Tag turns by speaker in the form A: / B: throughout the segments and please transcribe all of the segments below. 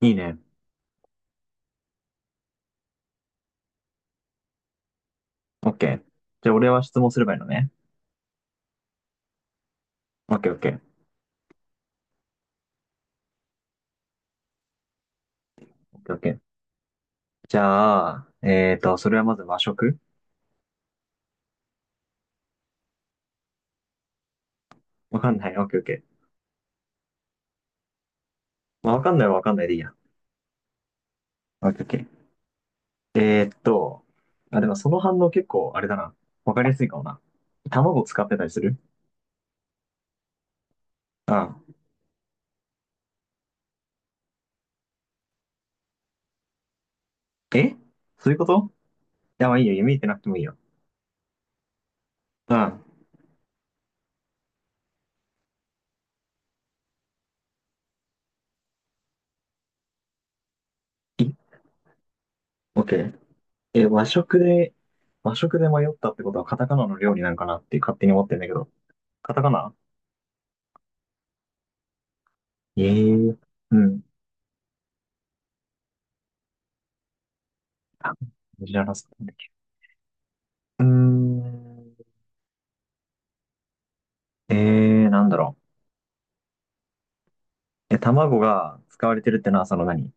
A: いいね。オッケー。じゃあ、俺は質問すればいいのね。オッケーオッケー、オッケーオッケー。じゃあ、それはまず和食。わかんない。オッケーオッケー。まあ、わかんないはわかんないでいいや。オッケーオッケー。えーっと、あ、でもその反応結構、あれだな。わかりやすいかもな。卵使ってたりする？うん。え、そういうこと？いや、まあいいよ。見えてなくてもいいよ。うん。いオッケー。え、和食で迷ったってことはカタカナの料理なんかなって勝手に思ってんだけど。カタカナ。ええー。うん。あ、知らなったんだっけ？うーん。えー、なんだろう。え、卵が使われてるってのは、その何？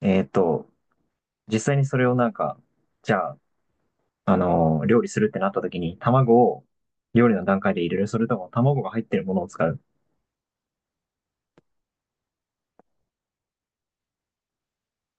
A: えーと、実際にそれをなんか、じゃあ、料理するってなった時に、卵を料理の段階で入れる。それとも卵が入ってるものを使う？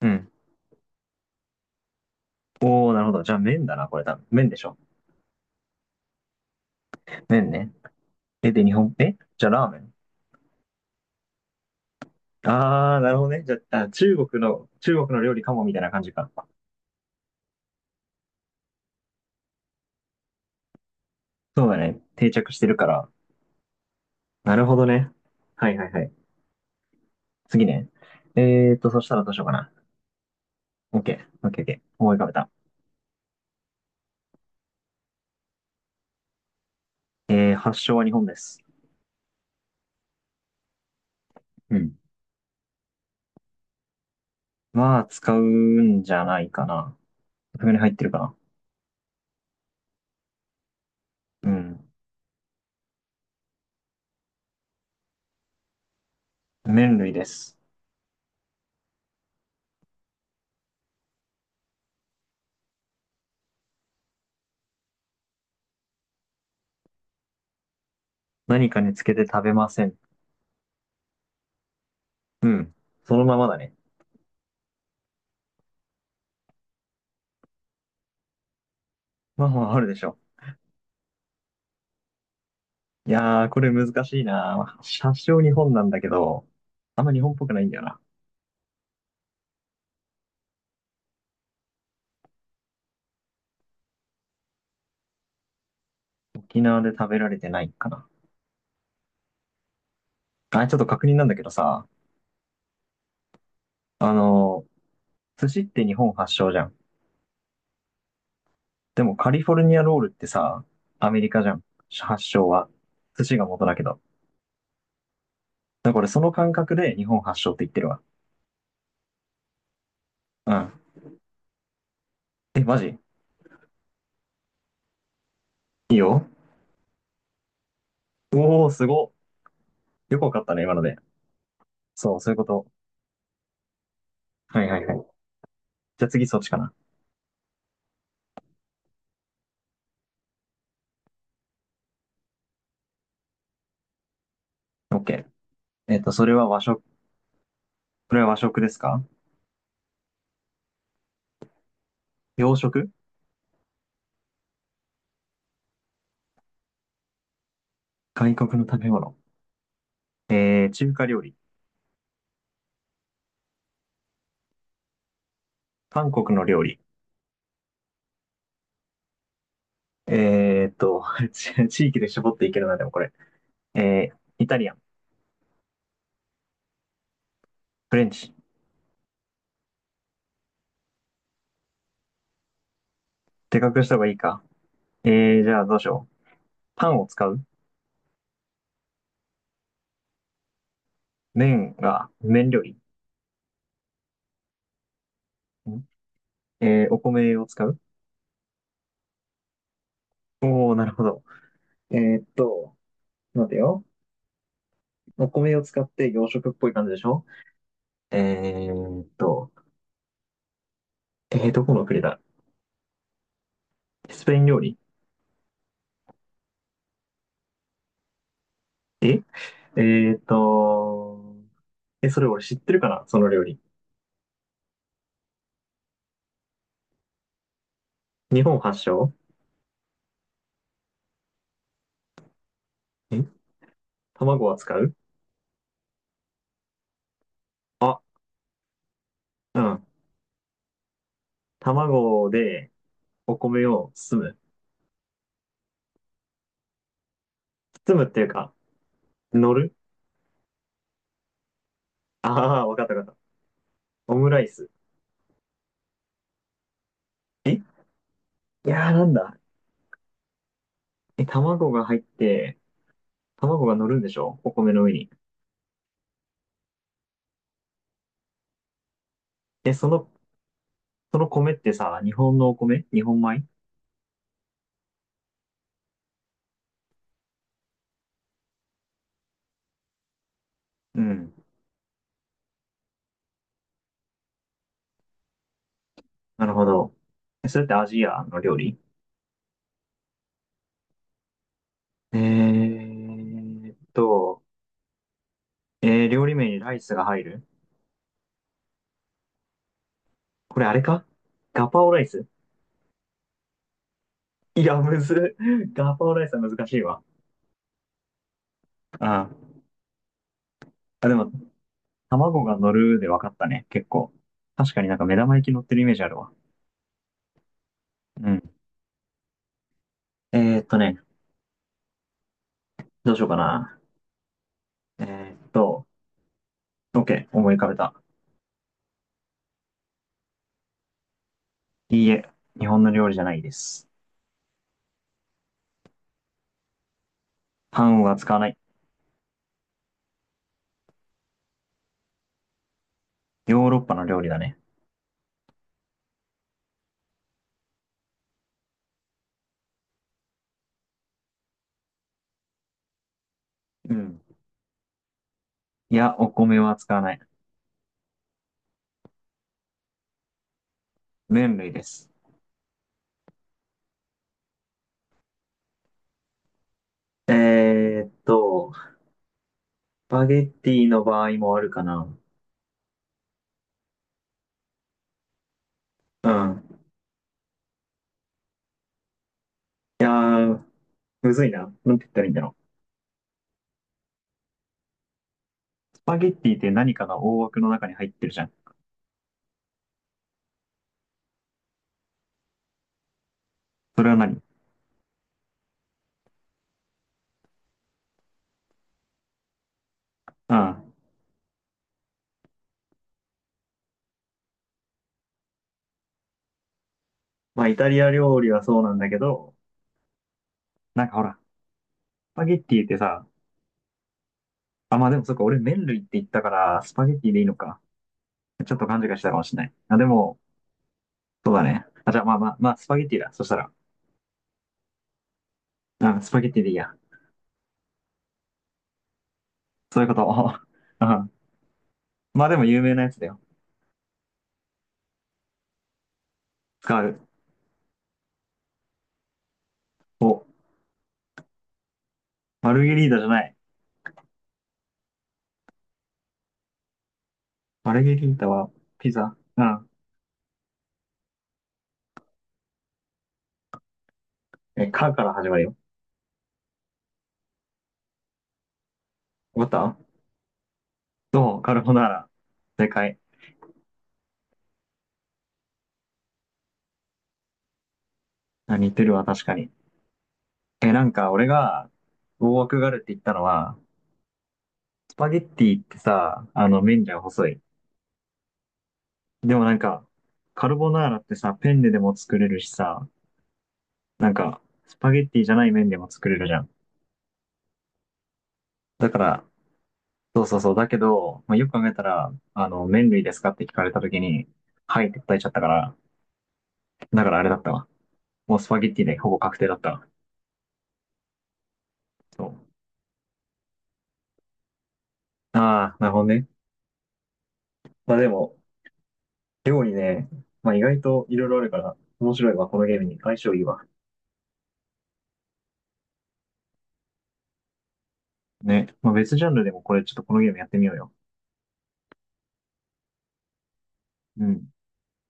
A: うん。おー、なるほど。じゃあ麺だな、これ多分。麺でしょ。麺ね。え、で、日本、えじゃあラーメン。あー、なるほどね。じゃあ、中国の料理かも、みたいな感じか。そうだね。定着してるから。なるほどね。はいはいはい。次ね。そしたらどうしようかな。OK。OK、OK。思い浮かべた。えー、発祥は日本です。うん。まあ、使うんじゃないかな。袋に入ってるかな。うん。麺類です。何かにつけて食べません。うん。そのままだね。まあまあ、あるでしょ。いやー、これ難しいな。発祥日本なんだけど、あんま日本っぽくないんだよな。沖縄で食べられてないかな。あ、ちょっと確認なんだけどさ、あの、寿司って日本発祥じゃん。でもカリフォルニアロールってさ、アメリカじゃん。発祥は。寿司が元だけど。だからその感覚で日本発祥って言ってるわ。うん。え、マジ？いいよ。おー、すご。よくわかったね、今ので。そう、そういうこと。はいはいはい。じゃあ次そっちかな。オッケー。えっと、それは和食、これは和食ですか？洋食？外国の食べ物。えー、中華料理。韓国の料理。えーっと、地域で絞っていけるな、でもこれ。えー、イタリアン。フレンチ。でかくした方がいいか。えー、じゃあどうしよう。パンを使う？麺料理？んーお米を使う？おー、なるほど。えーっと、待てよ。お米を使って洋食っぽい感じでしょ？えーっと、え、ー、どこの国だ？スペイン料理。ええーっと、え、それ俺知ってるかなその料理。日本発祥？え、卵は使う？あ、うん。卵でお米を包む。包むっていうか、乗る？ああー、わかったわかった。オムライス。えいやーなんだ。え、卵が入って、卵が乗るんでしょお米の上に。で、その、その米ってさ、日本のお米？日本米？うん。なるほど。え、それってアジアの料理？えーっと、えー、料理名にライスが入る？これあれか？ガパオライス。いや、むずっ。ガパオライスは難しいわ。ああ。あ、でも、卵が乗るで分かったね。結構。確かになんか目玉焼き乗ってるイメージあるわ。うん。ね、どうしようかな。えーっと、OK、思い浮かべた。いいえ、日本の料理じゃないです。パンは使わない。ヨーロッパの料理だね。うん。いや、お米は使わない。麺類です。えーっと、スパゲッティの場合もあるかな。うん。いやー、むずいな。なんて言ったらいいんだろう。スパゲッティって何かが大枠の中に入ってるじゃん。それは何？うん。まあ、イタリア料理はそうなんだけど、なんかほら、スパゲッティってさ、あ、まあでもそっか、俺麺類って言ったから、スパゲッティでいいのか。ちょっと勘違いしたかもしれない。あ、でも、そうだね。あ、じゃあまあ、スパゲッティだ。そしたら。うん、スパゲッティでいいや。そういうこと。うん。まあでも有名なやつだよ。使う。お、マルゲリータじゃない。マルゲリータはピザ。うん。え、カから始まるよ。わかった？どうカルボナーラ。正解。あ、似てるわ、確かに。え、なんか俺が、大枠があるって言ったのは、スパゲッティってさ、あの、麺じゃ細い。でもなんか、カルボナーラってさ、ペンネでも作れるしさ、なんか、スパゲッティじゃない麺でも作れるじゃん。だから、そうそうそう。だけど、まあ、よく考えたら、あの、麺類ですかって聞かれた時に、はいって答えちゃったから、だからあれだったわ。もうスパゲッティでほぼ確定だったわ。そう。ああ、なるほどね。まあでも、料理ね、まあ意外といろいろあるから、面白いわ、このゲームに。相性いいわ。ね。まあ別ジャンルでもこれ、ちょっとこのゲームやってみようよ。うん。